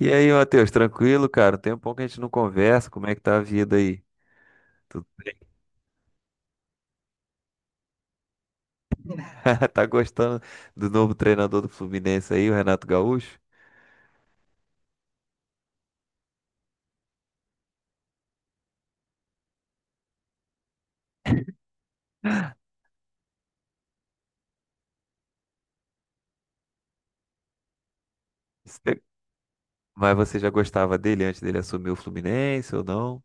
E aí, Matheus, tranquilo, cara? Tem um pouco que a gente não conversa. Como é que tá a vida aí? Tu tá gostando do novo treinador do Fluminense aí, o Renato Gaúcho? Você- Mas você já gostava dele antes dele assumir o Fluminense ou não?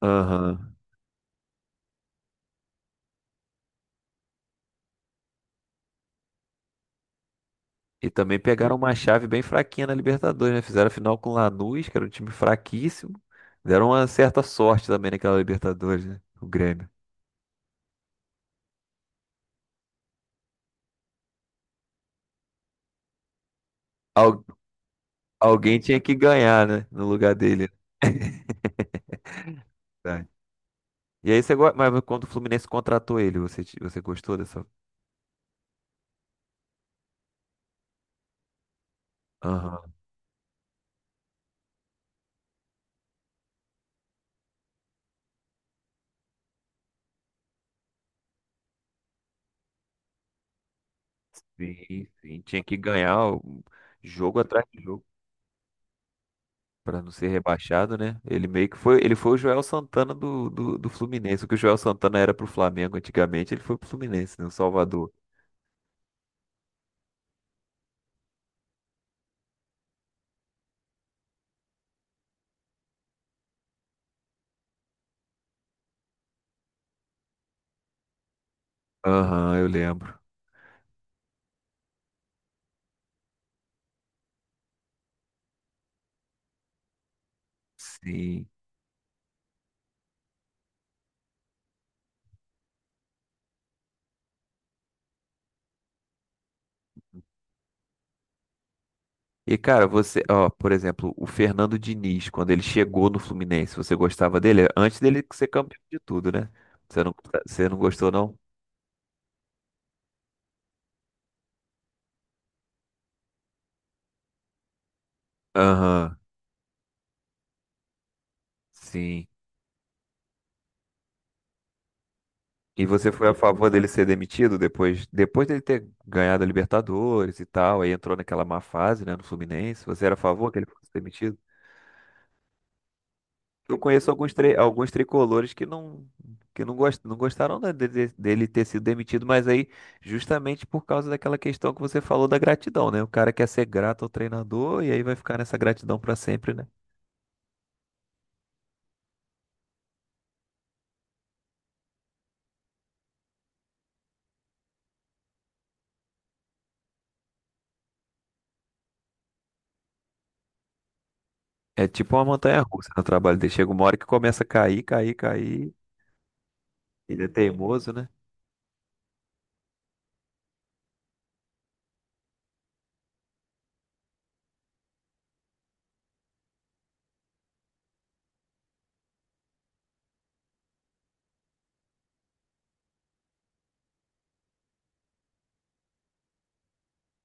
Aham. E também pegaram uma chave bem fraquinha na Libertadores, né? Fizeram a final com o Lanús, que era um time fraquíssimo. Deram uma certa sorte também naquela Libertadores, né? O Grêmio. Al- Alguém tinha que ganhar, né? No lugar dele. E aí você gosta, mas quando o Fluminense contratou ele, você, você gostou dessa? Aham. Sim, sim. Tinha que ganhar jogo atrás de jogo para não ser rebaixado, né? Ele meio que foi, ele foi o Joel Santana do Fluminense. O que o Joel Santana era pro Flamengo antigamente, ele foi pro Fluminense, né? O Salvador. Aham, eu lembro. Sim. E cara, você, ó, por exemplo, o Fernando Diniz, quando ele chegou no Fluminense, você gostava dele? Antes dele ser campeão de tudo, né? Você não, você não gostou, não? Aham, sim. E você foi a favor dele ser demitido depois dele ter ganhado a Libertadores e tal, aí entrou naquela má fase, né, no Fluminense. Você era a favor que ele fosse demitido? Eu conheço alguns, alguns tricolores que não gostaram dele ter sido demitido, mas aí justamente por causa daquela questão que você falou da gratidão, né? O cara quer ser grato ao treinador e aí vai ficar nessa gratidão pra sempre, né? É tipo uma montanha-russa no trabalho dele. Chega uma hora que começa a cair, cair, cair. Ele é teimoso, né?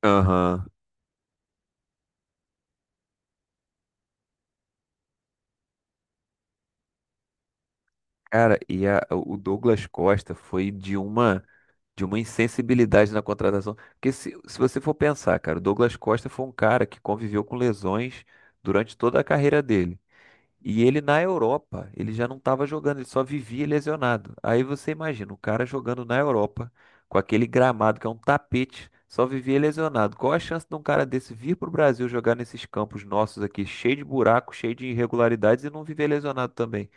Aham. Cara, o Douglas Costa foi de uma insensibilidade na contratação. Porque se você for pensar, cara, o Douglas Costa foi um cara que conviveu com lesões durante toda a carreira dele. E ele na Europa, ele já não estava jogando, ele só vivia lesionado. Aí você imagina, o cara jogando na Europa, com aquele gramado que é um tapete, só vivia lesionado. Qual a chance de um cara desse vir para o Brasil jogar nesses campos nossos aqui, cheio de buracos, cheio de irregularidades e não viver lesionado também?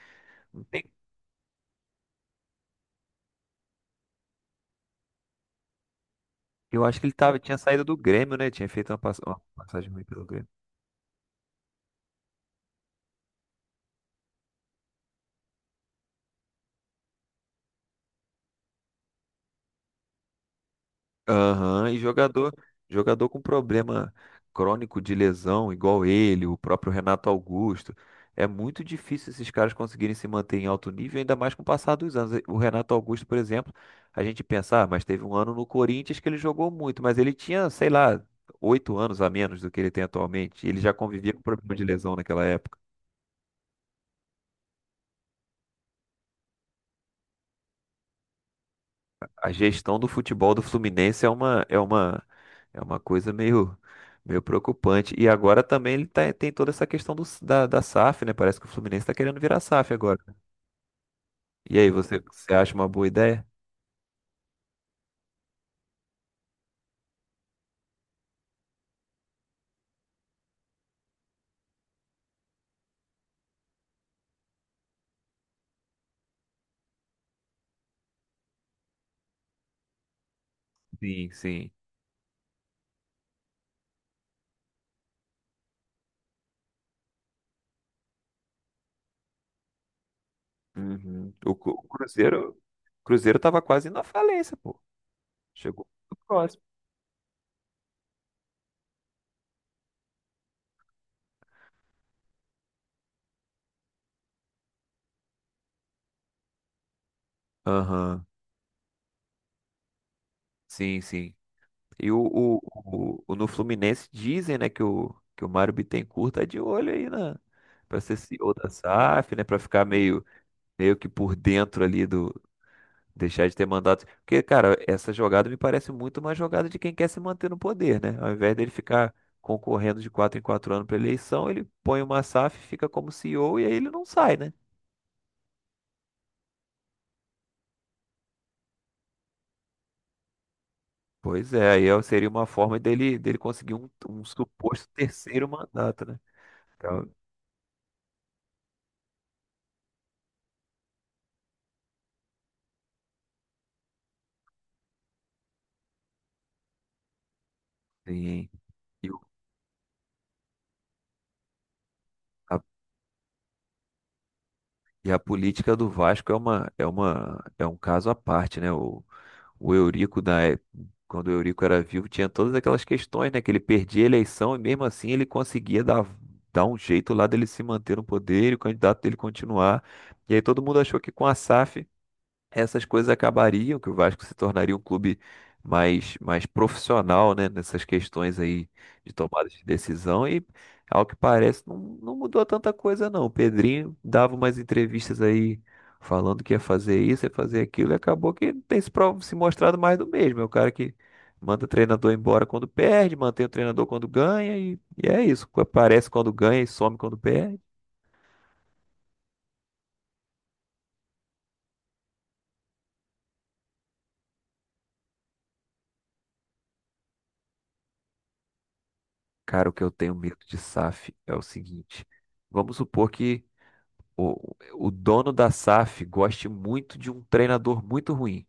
Eu acho que ele tava, tinha saído do Grêmio, né? Tinha feito uma passagem ruim pelo Grêmio. Aham, e jogador, jogador com problema crônico de lesão, igual ele, o próprio Renato Augusto. É muito difícil esses caras conseguirem se manter em alto nível, ainda mais com o passar dos anos. O Renato Augusto, por exemplo, a gente pensa, ah, mas teve um ano no Corinthians que ele jogou muito, mas ele tinha, sei lá, 8 anos a menos do que ele tem atualmente. Ele já convivia com problema de lesão naquela época. A gestão do futebol do Fluminense é uma é uma coisa meio preocupante. E agora também ele tem toda essa questão da SAF, né? Parece que o Fluminense está querendo virar SAF agora. E aí, você, você acha uma boa ideia? Sim, sim. Uhum. O Cruzeiro o Cruzeiro tava quase na falência, pô. Chegou muito próximo. Aham. Sim, sim. E o, o, no Fluminense dizem, né, que o Mário Bittencourt tá de olho aí na para ser CEO da SAF, né, para ficar meio que por dentro ali do deixar de ter mandato. Porque, cara, essa jogada me parece muito uma jogada de quem quer se manter no poder, né? Ao invés dele, ficar concorrendo de quatro em quatro anos para eleição, ele põe uma SAF, fica como CEO e O e aí ele não sai, né? Pois é, aí seria uma forma dele conseguir um suposto terceiro mandato, né? Então, sim. E, o- a, e a política do Vasco é um caso à parte, né? O Eurico, na época, quando o Eurico era vivo, tinha todas aquelas questões, né? Que ele perdia a eleição e mesmo assim ele conseguia dar um jeito lá dele se manter no poder e o candidato dele continuar. E aí todo mundo achou que com a SAF essas coisas acabariam, que o Vasco se tornaria um clube mais profissional, né, nessas questões aí de tomada de decisão e, ao que parece, não mudou tanta coisa não. O Pedrinho dava umas entrevistas aí falando que ia fazer isso, ia fazer aquilo e acabou que tem se mostrado mais do mesmo. É o cara que manda o treinador embora quando perde, mantém o treinador quando ganha e é isso. Aparece quando ganha e some quando perde. Cara, o que eu tenho medo de SAF é o seguinte. Vamos supor que o dono da SAF goste muito de um treinador muito ruim.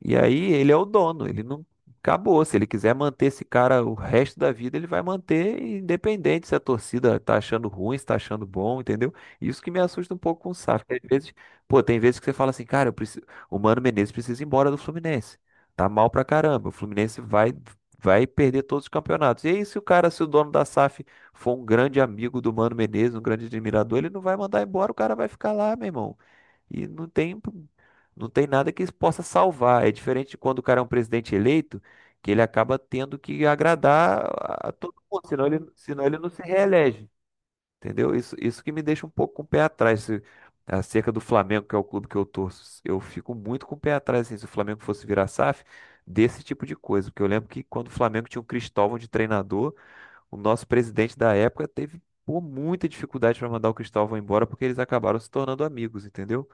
E aí ele é o dono, ele não acabou. Se ele quiser manter esse cara o resto da vida, ele vai manter independente se a torcida tá achando ruim, se tá achando bom, entendeu? Isso que me assusta um pouco com o SAF. Porque às vezes, pô, tem vezes que você fala assim, cara, o Mano Menezes precisa ir embora do Fluminense. Tá mal pra caramba. O Fluminense vai perder todos os campeonatos. E aí, se o cara, se o dono da SAF for um grande amigo do Mano Menezes, um grande admirador, ele não vai mandar embora, o cara vai ficar lá, meu irmão. E não tem nada que isso possa salvar. É diferente de quando o cara é um presidente eleito, que ele acaba tendo que agradar a todo mundo, senão ele não se reelege. Entendeu? Isso que me deixa um pouco com o pé atrás. Acerca do Flamengo, que é o clube que eu torço, eu fico muito com o pé atrás assim, se o Flamengo fosse virar SAF, desse tipo de coisa. Porque eu lembro que quando o Flamengo tinha o Cristóvão de treinador, o nosso presidente da época teve pô, muita dificuldade para mandar o Cristóvão embora porque eles acabaram se tornando amigos, entendeu?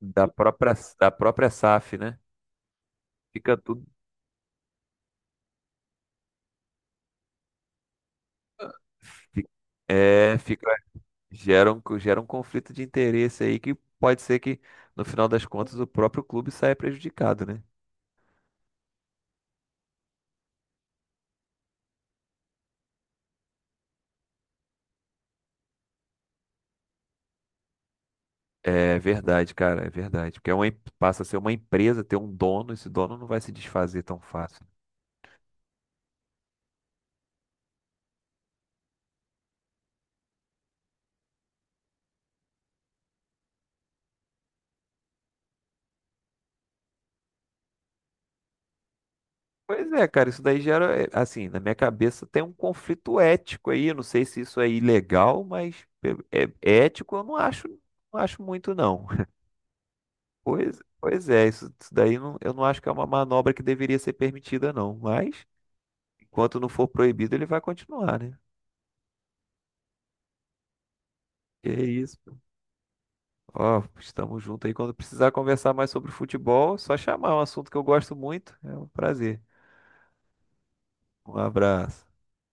da própria, da própria SAF, né? Fica tudo. fi- É, fica, gera um conflito de interesse aí que pode ser que, no final das contas, o próprio clube saia prejudicado, né? É verdade, cara, é verdade. Porque é uma, passa a ser uma empresa, ter um dono, esse dono não vai se desfazer tão fácil. Pois é, cara, isso daí gera, é, assim, na minha cabeça tem um conflito ético aí. Eu não sei se isso é ilegal, mas é ético eu não acho, não acho muito, não. Pois é, isso daí eu não acho que é uma manobra que deveria ser permitida, não. Mas, enquanto não for proibido, ele vai continuar, né? Que é isso. Pô. Ó, estamos juntos aí. Quando precisar conversar mais sobre futebol, é só chamar, é um assunto que eu gosto muito. É um prazer. Um abraço.